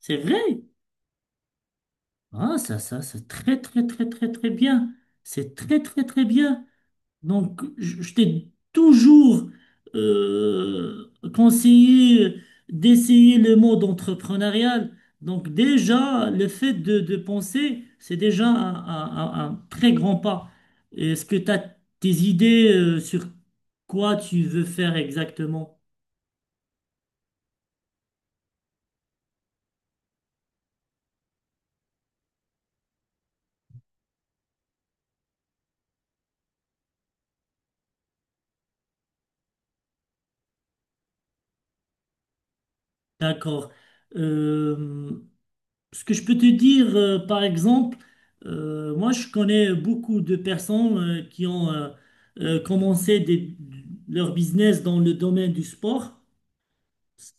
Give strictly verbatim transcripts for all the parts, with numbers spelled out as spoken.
C'est vrai? Ah, ça, ça, c'est très, très, très, très, très bien. C'est très, très, très bien. Donc, je, je t'ai toujours euh, conseillé d'essayer le mode entrepreneurial. Donc, déjà, le fait de, de penser, c'est déjà un, un- un- un très grand pas. Est-ce que tu as tes idées euh, sur quoi tu veux faire exactement? D'accord. Euh, Ce que je peux te dire, euh, par exemple, euh, moi je connais beaucoup de personnes euh, qui ont euh, euh, commencé des- leur business dans le domaine du sport.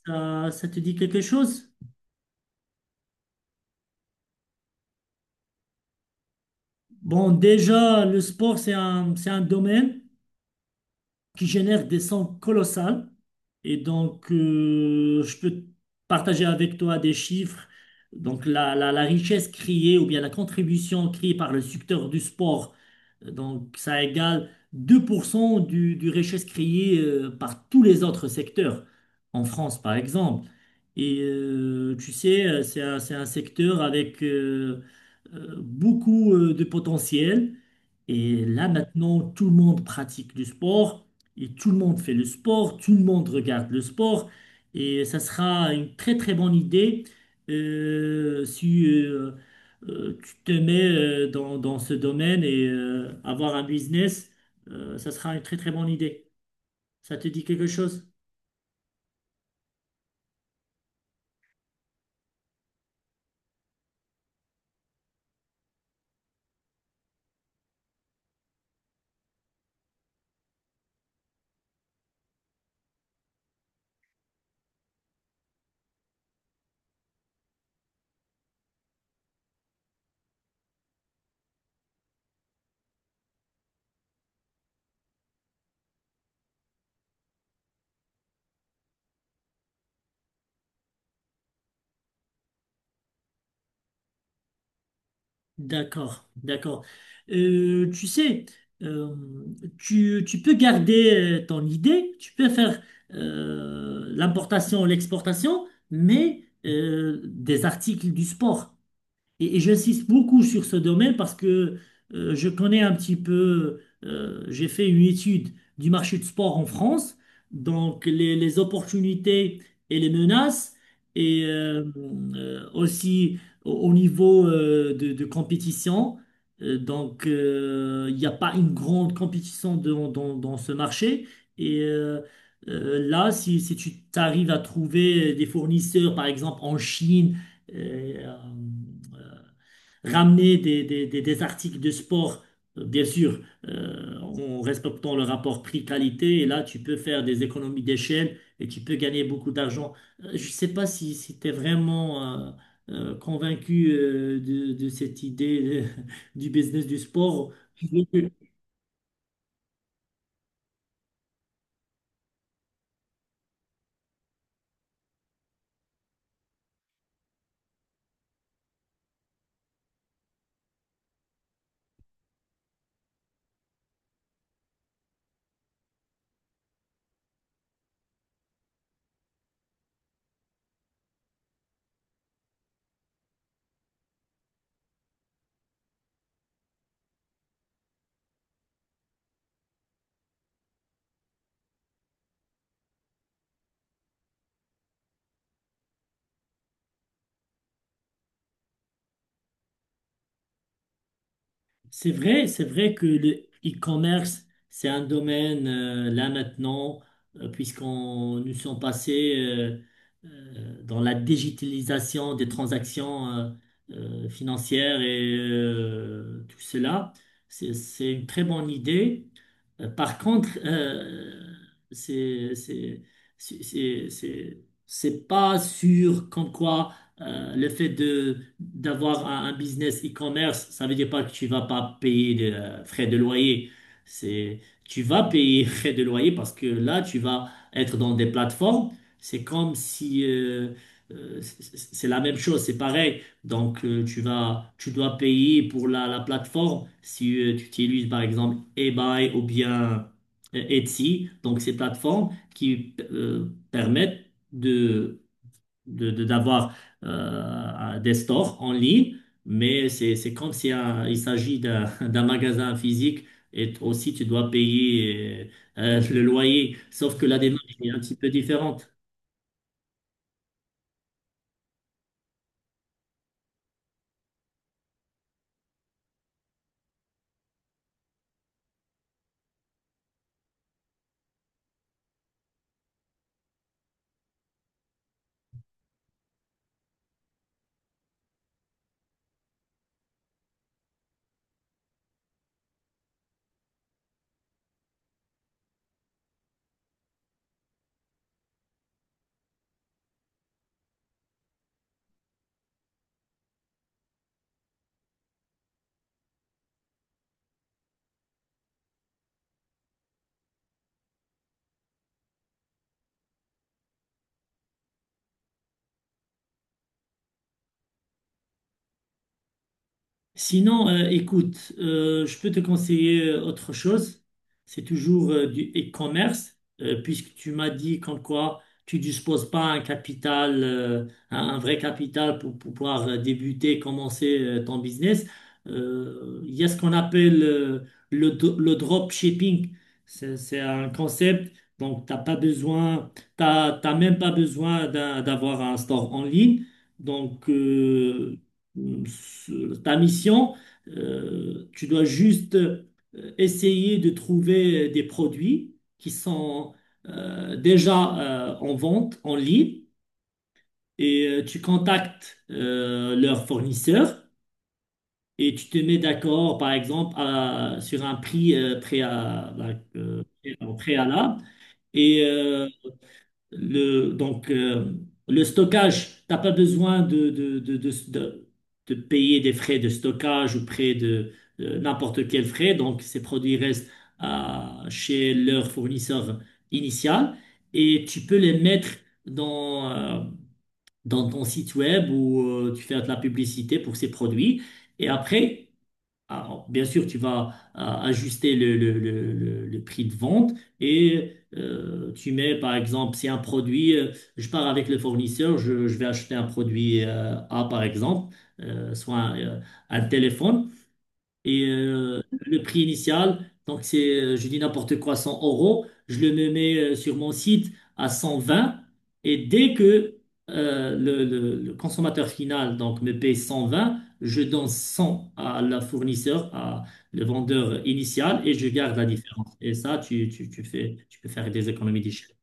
Ça, ça te dit quelque chose? Bon, déjà, le sport, c'est un, c'est un domaine qui génèrent des sons colossales. Et donc, euh, je peux partager avec toi des chiffres. Donc, la, la, la richesse créée ou bien la contribution créée par le secteur du sport, euh, donc ça égale deux pour cent du, du richesse créée euh, par tous les autres secteurs, en France par exemple. Et euh, tu sais, euh, c'est un, c'est un secteur avec euh, euh, beaucoup euh, de potentiel. Et là, maintenant, tout le monde pratique du sport. Et tout le monde fait le sport, tout le monde regarde le sport, et ça sera une très très bonne idée euh, si euh, euh, tu te mets euh, dans, dans ce domaine et euh, avoir un business, euh, ça sera une très très bonne idée. Ça te dit quelque chose? D'accord, d'accord. Euh, tu sais, euh, tu, tu peux garder euh, ton idée, tu peux faire euh, l'importation, l'exportation, mais euh, des articles du sport. Et, et j'insiste beaucoup sur ce domaine parce que euh, je connais un petit peu, euh, j'ai fait une étude du marché du sport en France, donc les, les opportunités et les menaces, et euh, euh, aussi au, au niveau euh, de, de compétition. Euh, donc euh, il n'y a pas une grande compétition dans, dans- dans ce marché. Et euh, euh, Là, si, si tu arrives à trouver des fournisseurs, par exemple en Chine, euh, ramener des, des- des- des articles de sport, euh, bien sûr, euh, en respectant le rapport prix-qualité. Et là, tu peux faire des économies d'échelle et tu peux gagner beaucoup d'argent. Euh, Je ne sais pas si, si tu es vraiment euh, euh, convaincu euh, de, de cette idée euh, du business du sport. C'est vrai, c'est vrai que le e-commerce, c'est un domaine euh, là maintenant, euh, puisqu'on nous sommes passés euh, euh, dans la digitalisation des transactions euh, euh, financières et euh, tout cela. C'est, c'est une très bonne idée. Euh, par contre, euh, c'est c'est c'est c'est- c'est- c'est pas sûr comme quoi euh, le fait de d'avoir un, un business e-commerce, ça veut dire pas que tu vas pas payer de euh, frais de loyer. C'est tu vas payer frais de loyer parce que là tu vas être dans des plateformes. C'est comme si euh, euh, c- c- c'est la même chose, c'est pareil. Donc euh, tu vas tu dois payer pour la, la plateforme si euh, tu utilises par exemple eBay ou bien euh, Etsy. Donc ces plateformes qui euh, permettent de, de- d'avoir euh, des stores en ligne, mais c'est, c'est comme si euh, il s'agit d'un, d'un magasin physique et t- aussi tu dois payer euh, euh, le loyer, sauf que la démarche est un petit peu différente. Sinon, euh, écoute, euh, je peux te conseiller euh, autre chose. C'est toujours euh, du e-commerce, euh, puisque tu m'as dit comme quoi tu disposes pas un capital, euh, un, un vrai capital pour, pour pouvoir euh, débuter, commencer euh, ton business. Euh, Il y a ce qu'on appelle euh, le, do- le drop shipping. C'est c'est un concept, donc t'as pas besoin, t'as t'as même pas besoin d'un- d'avoir un store en ligne. Donc, euh, ce- ta mission, euh, tu dois juste euh, essayer de trouver des produits qui sont euh, déjà euh, en vente en ligne et euh, tu contactes euh, leur fournisseur et tu te mets d'accord, par exemple, à- sur un prix euh, pré- à- bah, euh, pré- en préalable et euh, le, donc, euh, le stockage, t'as pas besoin de, de, de, de, de- de payer des frais de stockage ou près de, de n'importe quel frais. Donc, ces produits restent à- chez leur fournisseur initial et tu peux les mettre dans, euh, dans ton site web où euh, tu fais de la publicité pour ces produits. Et après, alors, bien sûr, tu vas euh, ajuster le, le- le- le- le prix de vente et euh, tu mets, par exemple, si un produit, euh, je pars avec le fournisseur, je, je vais acheter un produit euh, A, par exemple, euh, soit un, euh, un téléphone. Et euh, le prix initial, donc c'est, euh, je dis n'importe quoi, cent euros, je le me mets euh, sur mon site à cent vingt. Et dès que euh, le, le- le consommateur final donc, me paye cent vingt, je donne cent à la fournisseur, à le vendeur initial, et je garde la différence. Et ça, tu, tu, tu fais, tu peux faire des économies d'échelle.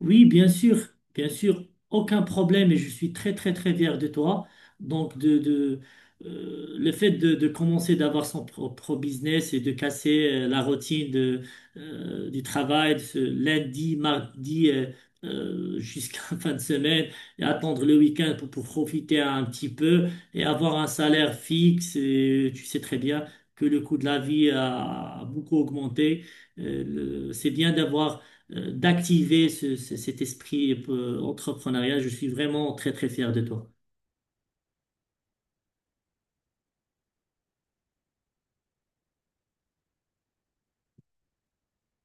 Oui, bien sûr, bien sûr, aucun problème et je suis très très très fier de toi. Donc de, de euh, le fait de, de commencer d'avoir son propre business et de casser euh, la routine de, euh, du travail de ce lundi, mardi euh, euh, jusqu'à fin de semaine et attendre le week-end pour, pour profiter un petit peu et avoir un salaire fixe. Et tu sais très bien que le coût de la vie a beaucoup augmenté. Euh, le- c'est bien d'avoir euh, d'activer ce- ce- cet esprit euh, entrepreneurial. Je suis vraiment très, très fier de toi.